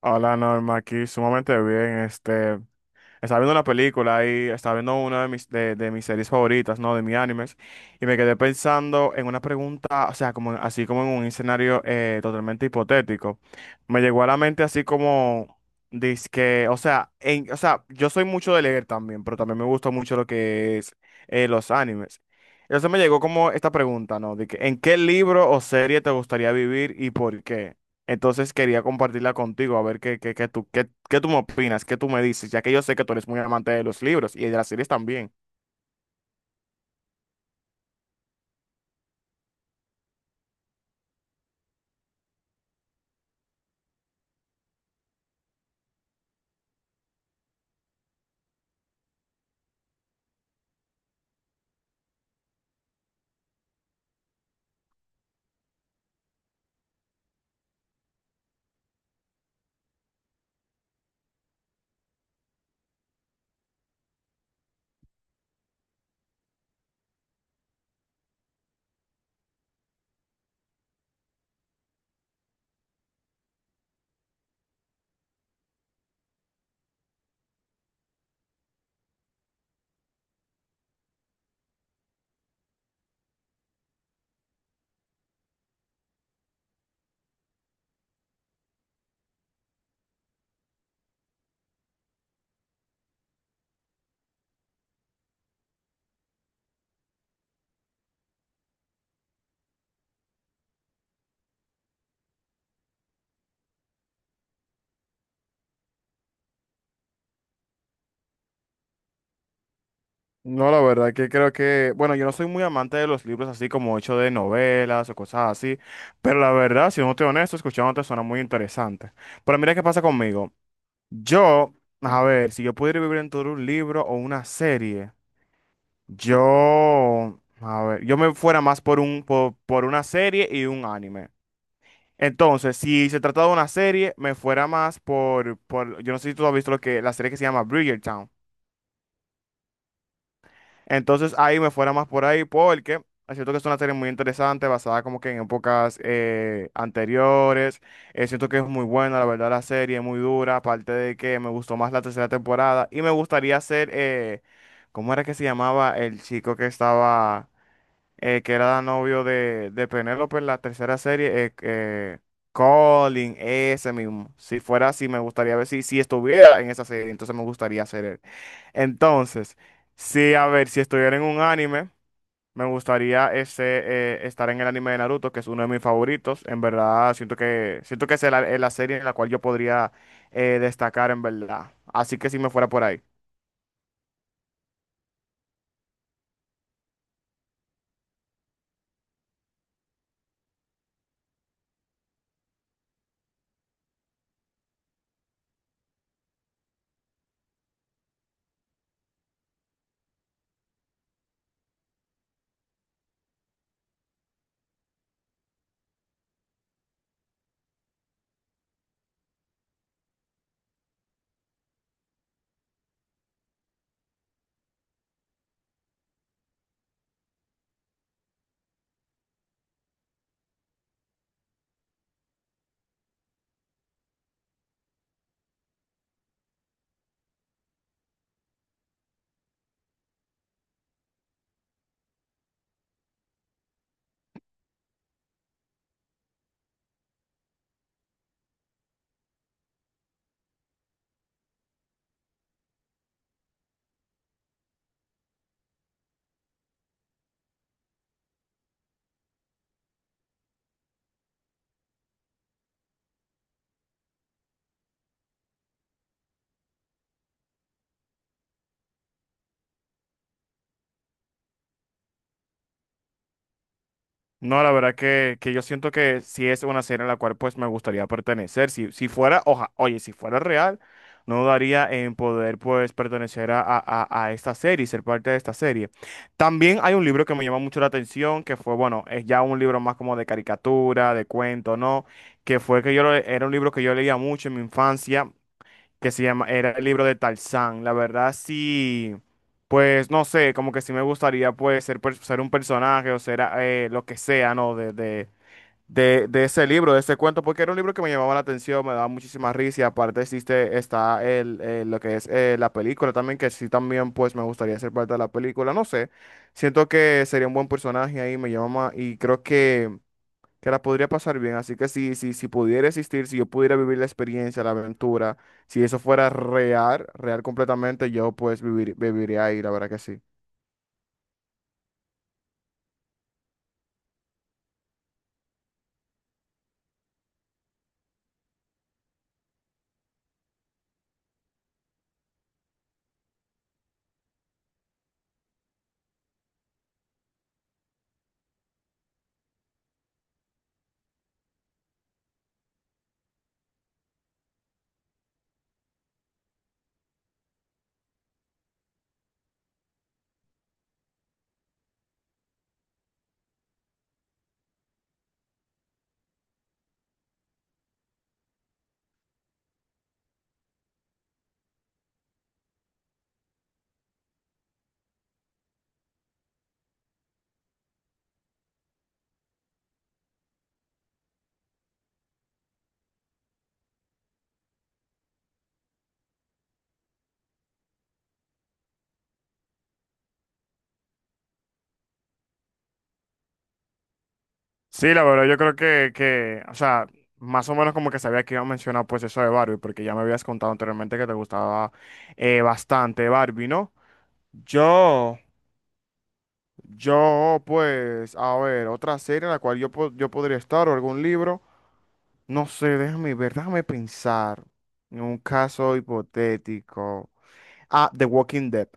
Hola Norma, aquí sumamente bien. Estaba viendo una película y estaba viendo una de de mis series favoritas, ¿no? De mis animes. Y me quedé pensando en una pregunta, o sea, como, así como en un escenario totalmente hipotético. Me llegó a la mente así como, dizque, o sea, o sea, yo soy mucho de leer también, pero también me gusta mucho lo que es los animes. Entonces me llegó como esta pregunta, ¿no? De que, ¿en qué libro o serie te gustaría vivir y por qué? Entonces quería compartirla contigo, a ver qué tú me opinas, qué tú me dices, ya que yo sé que tú eres muy amante de los libros y de las series también. No, la verdad que creo que, bueno, yo no soy muy amante de los libros así como hecho de novelas o cosas así, pero la verdad, si no estoy honesto, escuchándote suena muy interesante. Pero mira qué pasa conmigo. Yo, a ver, si yo pudiera vivir en todo un libro o una serie, yo, a ver, yo me fuera más por por una serie y un anime. Entonces, si se trata de una serie, me fuera más yo no sé si tú has visto la serie que se llama Bridgerton. Entonces ahí me fuera más por ahí porque es cierto que es una serie muy interesante, basada como que en épocas anteriores. Siento que es muy buena, la verdad, la serie, muy dura, aparte de que me gustó más la tercera temporada y me gustaría ser, ¿cómo era que se llamaba el chico que estaba que era novio de Penélope en la tercera serie, Colin, ese mismo? Si fuera así, me gustaría ver si, si estuviera en esa serie, entonces me gustaría ser él. Entonces, sí, a ver, si estuviera en un anime, me gustaría ese, estar en el anime de Naruto, que es uno de mis favoritos. En verdad, siento que es la serie en la cual yo podría destacar, en verdad. Así que si me fuera por ahí. No, la verdad que yo siento que si es una serie a la cual pues me gustaría pertenecer. Si, si fuera, oye, si fuera real, no daría en poder pues pertenecer a esta serie, y ser parte de esta serie. También hay un libro que me llama mucho la atención, que fue, bueno, es ya un libro más como de caricatura, de cuento, ¿no? Que fue que yo, era un libro que yo leía mucho en mi infancia que se llama, era el libro de Tarzán. La verdad sí, pues no sé, como que sí me gustaría pues ser un personaje o ser lo que sea, ¿no? De ese libro, de ese cuento, porque era un libro que me llamaba la atención, me daba muchísima risa y aparte existe, está el, lo que es la película también, que sí también pues me gustaría ser parte de la película, no sé, siento que sería un buen personaje ahí, me llama y creo que la podría pasar bien. Así que si pudiera existir, si yo pudiera vivir la experiencia, la aventura, si eso fuera real, real completamente, yo pues viviría ahí, la verdad que sí. Sí, la verdad, yo creo o sea, más o menos como que sabía que iba a mencionar pues eso de Barbie, porque ya me habías contado anteriormente que te gustaba bastante Barbie, ¿no? Yo, pues, a ver, otra serie en la cual yo, yo podría estar o algún libro. No sé, déjame ver, déjame pensar en un caso hipotético. Ah, The Walking Dead.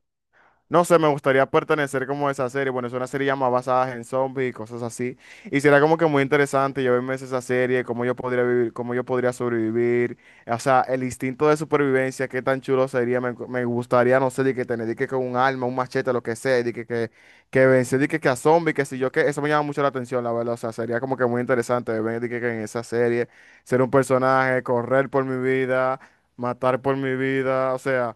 No sé, me gustaría pertenecer como a esa serie. Bueno, es una serie ya más basada en zombies y cosas así. Y será como que muy interesante yo verme esa serie, cómo yo podría vivir, cómo yo podría sobrevivir. O sea, el instinto de supervivencia, qué tan chulo sería. Me gustaría, no sé, de que tener de que con un arma, un machete, lo que sea, que vencer, que a zombies, que si yo, que eso me llama mucho la atención, la verdad. O sea, sería como que muy interesante verme que en esa serie, ser un personaje, correr por mi vida, matar por mi vida, o sea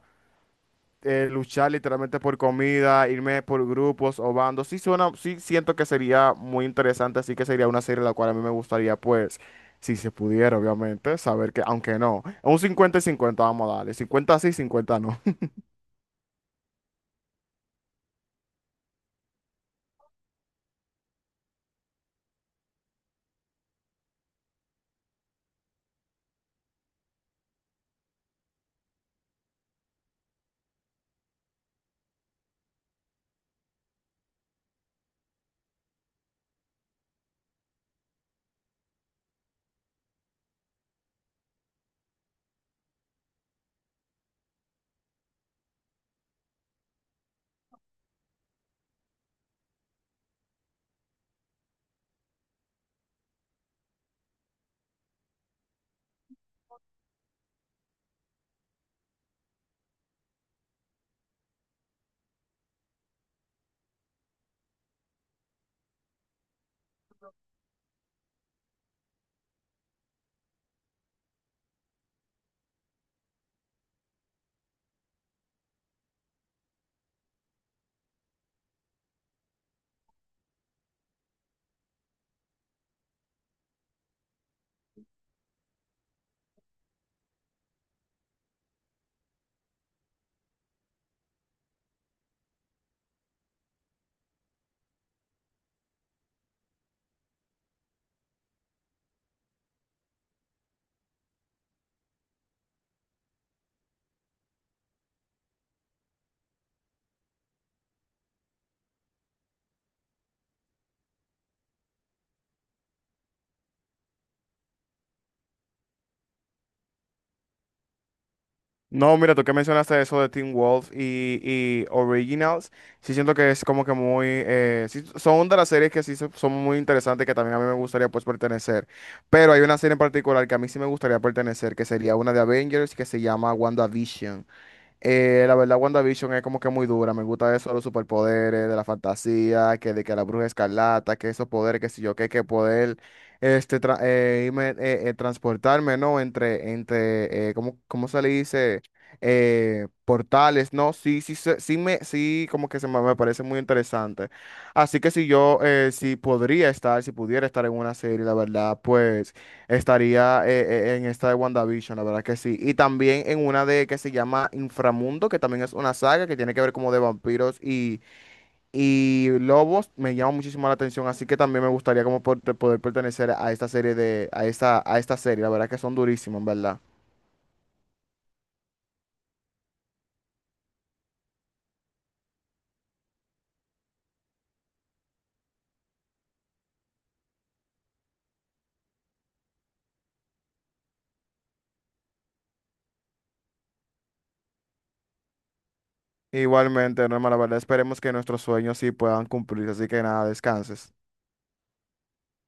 luchar literalmente por comida, irme por grupos o bandos. Sí suena, sí siento que sería muy interesante, así que sería una serie la cual a mí me gustaría, pues, si se pudiera, obviamente, saber que, aunque no, un 50 y 50 vamos a darle, 50 sí, 50 no. No, mira, tú que mencionaste eso de Teen Wolf y Originals, sí siento que es como que muy, sí, son de las series que son muy interesantes que también a mí me gustaría pues pertenecer, pero hay una serie en particular que a mí sí me gustaría pertenecer, que sería una de Avengers que se llama WandaVision. La verdad, WandaVision es como que muy dura. Me gusta eso de los superpoderes, de la fantasía, que de que la bruja escarlata, que esos poderes, que si yo qué, que poder irme, transportarme, ¿no? Entre ¿cómo, cómo se le dice? Portales, ¿no? Sí, como que me parece muy interesante. Así que si podría estar, si pudiera estar en una serie, la verdad, pues. Estaría en esta de WandaVision, la verdad que sí. Y también en una de que se llama Inframundo, que también es una saga que tiene que ver como de vampiros y lobos. Me llama muchísimo la atención, así que también me gustaría como poder pertenecer a esta serie a esta serie. La verdad que son durísimos, en verdad. Igualmente, Norma, la verdad esperemos que nuestros sueños sí puedan cumplirse, así que nada, descanses.